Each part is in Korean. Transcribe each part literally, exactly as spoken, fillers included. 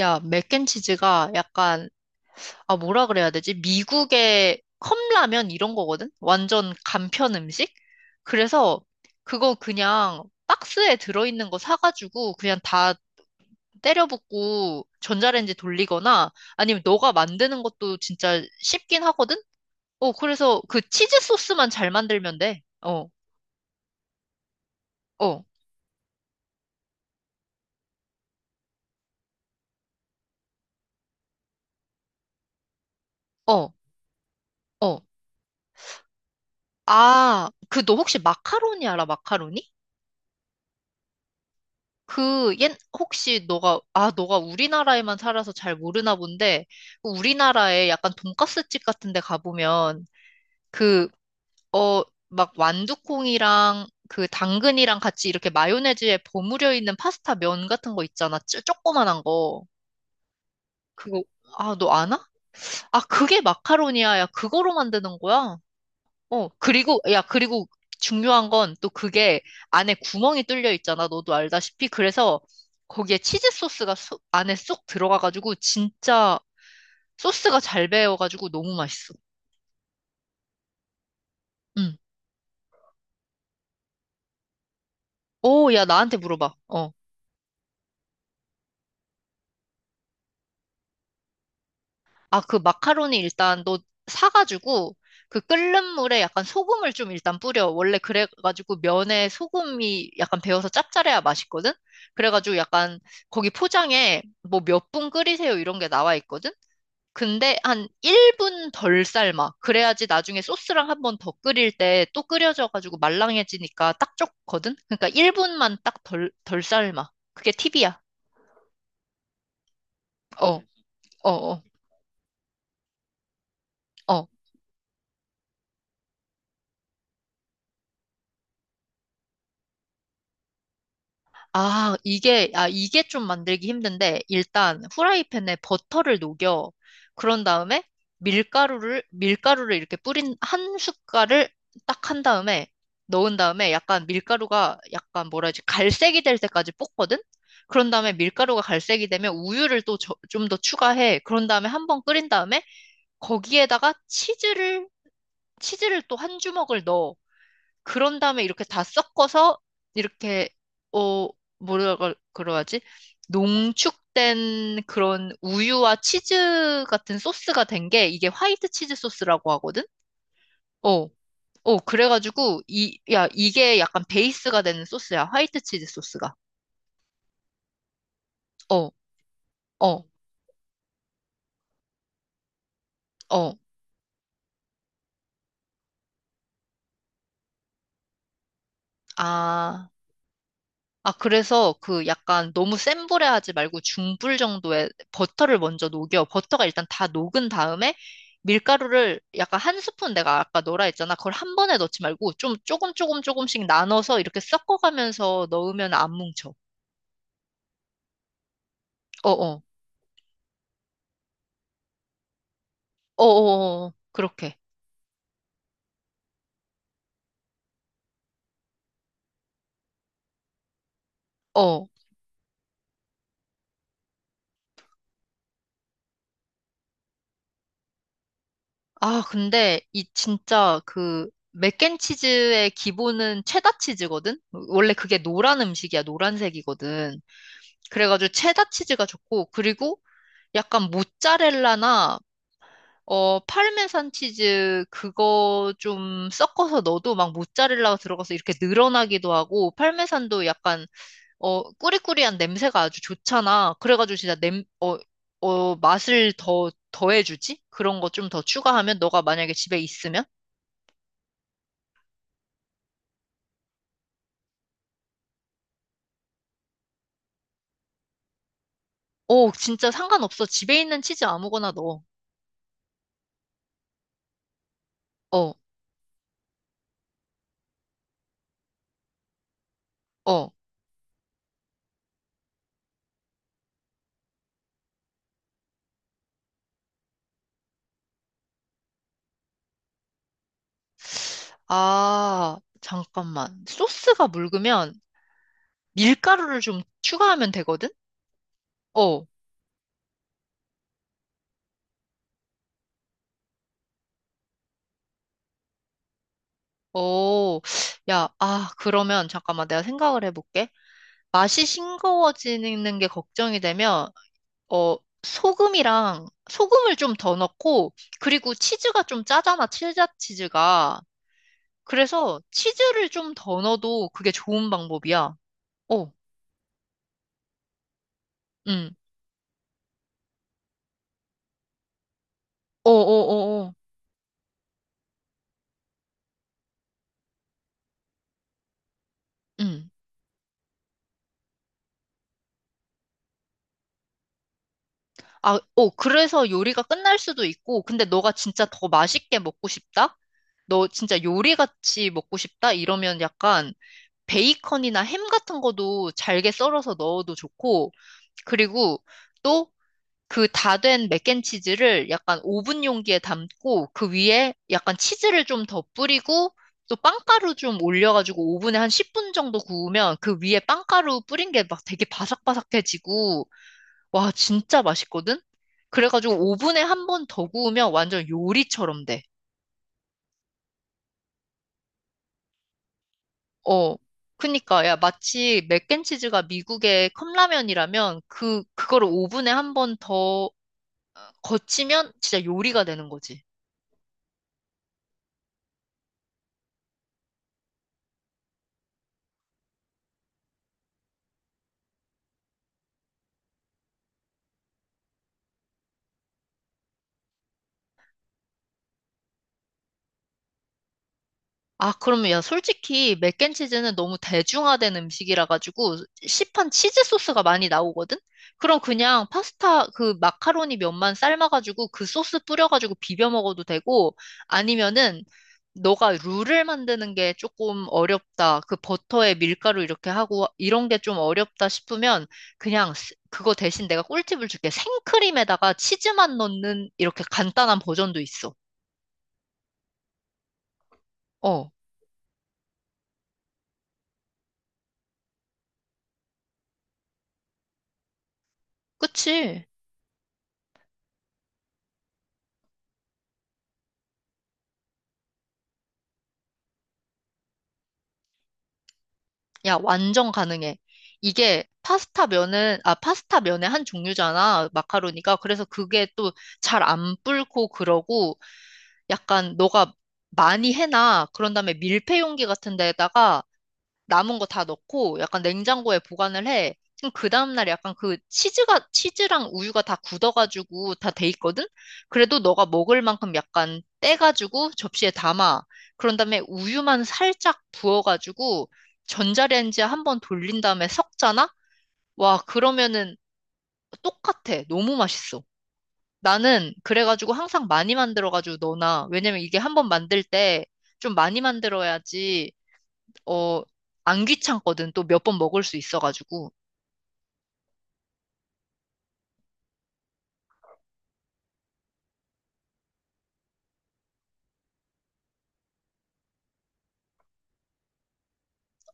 야, 맥앤치즈가 약간, 아, 뭐라 그래야 되지? 미국의 컵라면 이런 거거든? 완전 간편 음식? 그래서 그거 그냥 박스에 들어있는 거 사가지고 그냥 다 때려 붓고 전자레인지 돌리거나 아니면 너가 만드는 것도 진짜 쉽긴 하거든? 어, 그래서 그 치즈 소스만 잘 만들면 돼. 어, 어, 어, 어. 아, 그 너 혹시 마카로니 알아? 마카로니? 그, 옛, 혹시 너가, 아, 너가 우리나라에만 살아서 잘 모르나 본데, 우리나라에 약간 돈가스집 같은 데 가보면, 그, 어, 막 완두콩이랑 그 당근이랑 같이 이렇게 마요네즈에 버무려 있는 파스타 면 같은 거 있잖아. 쪼, 조그만한 거. 그거, 아, 너 아나? 아, 그게 마카로니아야. 그거로 만드는 거야? 어, 그리고, 야, 그리고 중요한 건 또 그게 안에 구멍이 뚫려 있잖아. 너도 알다시피. 그래서 거기에 치즈 소스가 쏙- 안에 쏙 들어가가지고 진짜 소스가 잘 배어가지고 너무 맛있어. 응. 오, 야, 나한테 물어봐. 어. 아, 그 마카로니 일단 너 사가지고 그 끓는 물에 약간 소금을 좀 일단 뿌려. 원래 그래가지고 면에 소금이 약간 배어서 짭짤해야 맛있거든? 그래가지고 약간 거기 포장에 뭐 몇 분 끓이세요 이런 게 나와 있거든? 근데 한 일 분 덜 삶아. 그래야지 나중에 소스랑 한 번 더 끓일 때 또 끓여져가지고 말랑해지니까 딱 좋거든? 그러니까 일 분만 딱 덜, 덜 삶아. 그게 팁이야. 어, 음. 어, 어, 어. 아, 이게, 아, 이게 좀 만들기 힘든데, 일단 후라이팬에 버터를 녹여. 그런 다음에 밀가루를, 밀가루를 이렇게 뿌린 한 숟갈을 딱 한 다음에 넣은 다음에 약간 밀가루가 약간 뭐라 해야지, 갈색이 될 때까지 볶거든? 그런 다음에 밀가루가 갈색이 되면 우유를 또 좀 더 추가해. 그런 다음에 한 번 끓인 다음에 거기에다가 치즈를, 치즈를 또 한 주먹을 넣어. 그런 다음에 이렇게 다 섞어서 이렇게 어 뭐라고 그러지? 농축된 그런 우유와 치즈 같은 소스가 된 게 이게 화이트 치즈 소스라고 하거든? 어. 어, 그래가지고 이 야, 이게 약간 베이스가 되는 소스야. 화이트 치즈 소스가. 어. 어. 어. 아. 아, 그래서 그 약간 너무 센 불에 하지 말고 중불 정도에 버터를 먼저 녹여. 버터가 일단 다 녹은 다음에 밀가루를 약간 한 스푼 내가 아까 넣으라 했잖아. 그걸 한 번에 넣지 말고 좀 조금 조금 조금씩 나눠서 이렇게 섞어가면서 넣으면 안 뭉쳐. 어어. 어어어. 그렇게. 어. 아, 근데 이 진짜 그 맥앤치즈의 기본은 체다 치즈거든? 원래 그게 노란 음식이야. 노란색이거든. 그래가지고 체다 치즈가 좋고 그리고 약간 모짜렐라나 어 파르메산 치즈 그거 좀 섞어서 넣어도 막 모짜렐라가 들어가서 이렇게 늘어나기도 하고 파르메산도 약간 어 꾸리꾸리한 냄새가 아주 좋잖아. 그래가지고 진짜 냄어 어 맛을 더 더해주지? 그런 거 좀 더 추가하면 너가 만약에 집에 있으면 오 진짜 상관없어. 집에 있는 치즈 아무거나 넣어. 어 어. 아 잠깐만 소스가 묽으면 밀가루를 좀 추가하면 되거든? 어. 오, 야, 아, 그러면 잠깐만 내가 생각을 해볼게. 맛이 싱거워지는 게 걱정이 되면, 어, 소금이랑, 소금을 좀 더 넣고, 그리고 치즈가 좀 짜잖아, 칠자 치즈가. 그래서 치즈를 좀 더 넣어도 그게 좋은 방법이야. 어, 응. 어, 어, 어, 어. 응. 아, 어, 그래서 요리가 끝날 수도 있고, 근데 너가 진짜 더 맛있게 먹고 싶다? 너 진짜 요리같이 먹고 싶다? 이러면 약간, 베이컨이나 햄 같은 거도 잘게 썰어서 넣어도 좋고, 그리고 또 그 다 된 맥앤치즈를 약간 오븐 용기에 담고, 그 위에 약간 치즈를 좀 더 뿌리고, 또 빵가루 좀 올려가지고 오븐에 한 십 분 정도 구우면 그 위에 빵가루 뿌린 게 막 되게 바삭바삭해지고, 와, 진짜 맛있거든? 그래가지고 오븐에 한 번 더 구우면 완전 요리처럼 돼. 어, 그니까, 야, 마치 맥앤치즈가 미국의 컵라면이라면 그, 그거를 오븐에 한 번 더 거치면 진짜 요리가 되는 거지. 아, 그러면 야, 솔직히 맥앤치즈는 너무 대중화된 음식이라 가지고 시판 치즈 소스가 많이 나오거든? 그럼 그냥 파스타 그 마카로니 면만 삶아가지고 그 소스 뿌려가지고 비벼 먹어도 되고 아니면은 너가 룰을 만드는 게 조금 어렵다. 그 버터에 밀가루 이렇게 하고 이런 게 좀 어렵다 싶으면 그냥 스- 그거 대신 내가 꿀팁을 줄게. 생크림에다가 치즈만 넣는 이렇게 간단한 버전도 있어. 어, 그치? 야, 완전 가능해. 이게 파스타 면은, 아, 파스타 면의 한 종류잖아, 마카로니가. 그래서 그게 또 잘 안 불고 그러고, 약간 너가 많이 해놔. 그런 다음에 밀폐 용기 같은 데다가 남은 거 다 넣고 약간 냉장고에 보관을 해. 그럼 그 다음날 약간 그 치즈가, 치즈랑 우유가 다 굳어가지고 다 돼 있거든? 그래도 너가 먹을 만큼 약간 떼가지고 접시에 담아. 그런 다음에 우유만 살짝 부어가지고 전자레인지에 한번 돌린 다음에 섞잖아? 와, 그러면은 똑같아. 너무 맛있어. 나는 그래가지고 항상 많이 만들어가지고 넣어놔. 왜냐면 이게 한번 만들 때 좀 많이 만들어야지 어, 안 귀찮거든. 또 몇 번 먹을 수 있어가지고.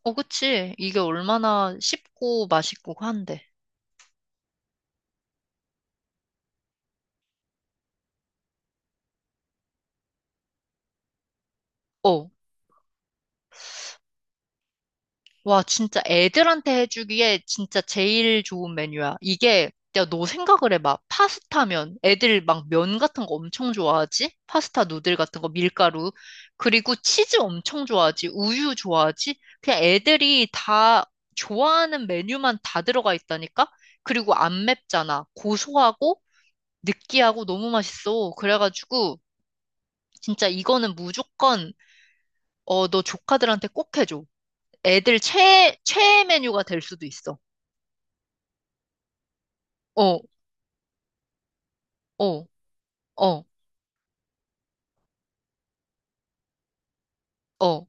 어, 그치. 이게 얼마나 쉽고 맛있고 한데. 어, 와, 진짜 애들한테 해주기에 진짜 제일 좋은 메뉴야. 이게, 야, 너 생각을 해봐. 파스타면 애들 막 면 같은 거 엄청 좋아하지? 파스타 누들 같은 거, 밀가루. 그리고 치즈 엄청 좋아하지? 우유 좋아하지? 그냥 애들이 다 좋아하는 메뉴만 다 들어가 있다니까? 그리고 안 맵잖아. 고소하고, 느끼하고 너무 맛있어. 그래가지고 진짜 이거는 무조건 어, 너 조카들한테 꼭 해줘. 애들 최 최애 메뉴가 될 수도 있어. 어, 어, 어, 어.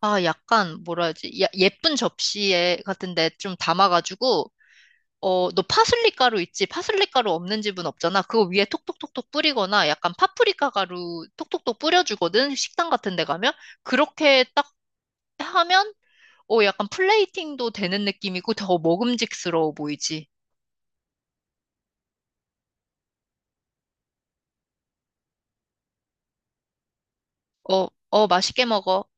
아, 약간 뭐라 해야지? 야- 예쁜 접시에 같은데 좀 담아가지고 어, 너 파슬리 가루 있지? 파슬리 가루 없는 집은 없잖아. 그거 위에 톡톡톡톡 뿌리거나 약간 파프리카 가루 톡톡톡 뿌려주거든. 식당 같은 데 가면. 그렇게 딱 하면 오, 약간 플레이팅도 되는 느낌이고 더 먹음직스러워 보이지. 어, 어, 맛있게 먹어.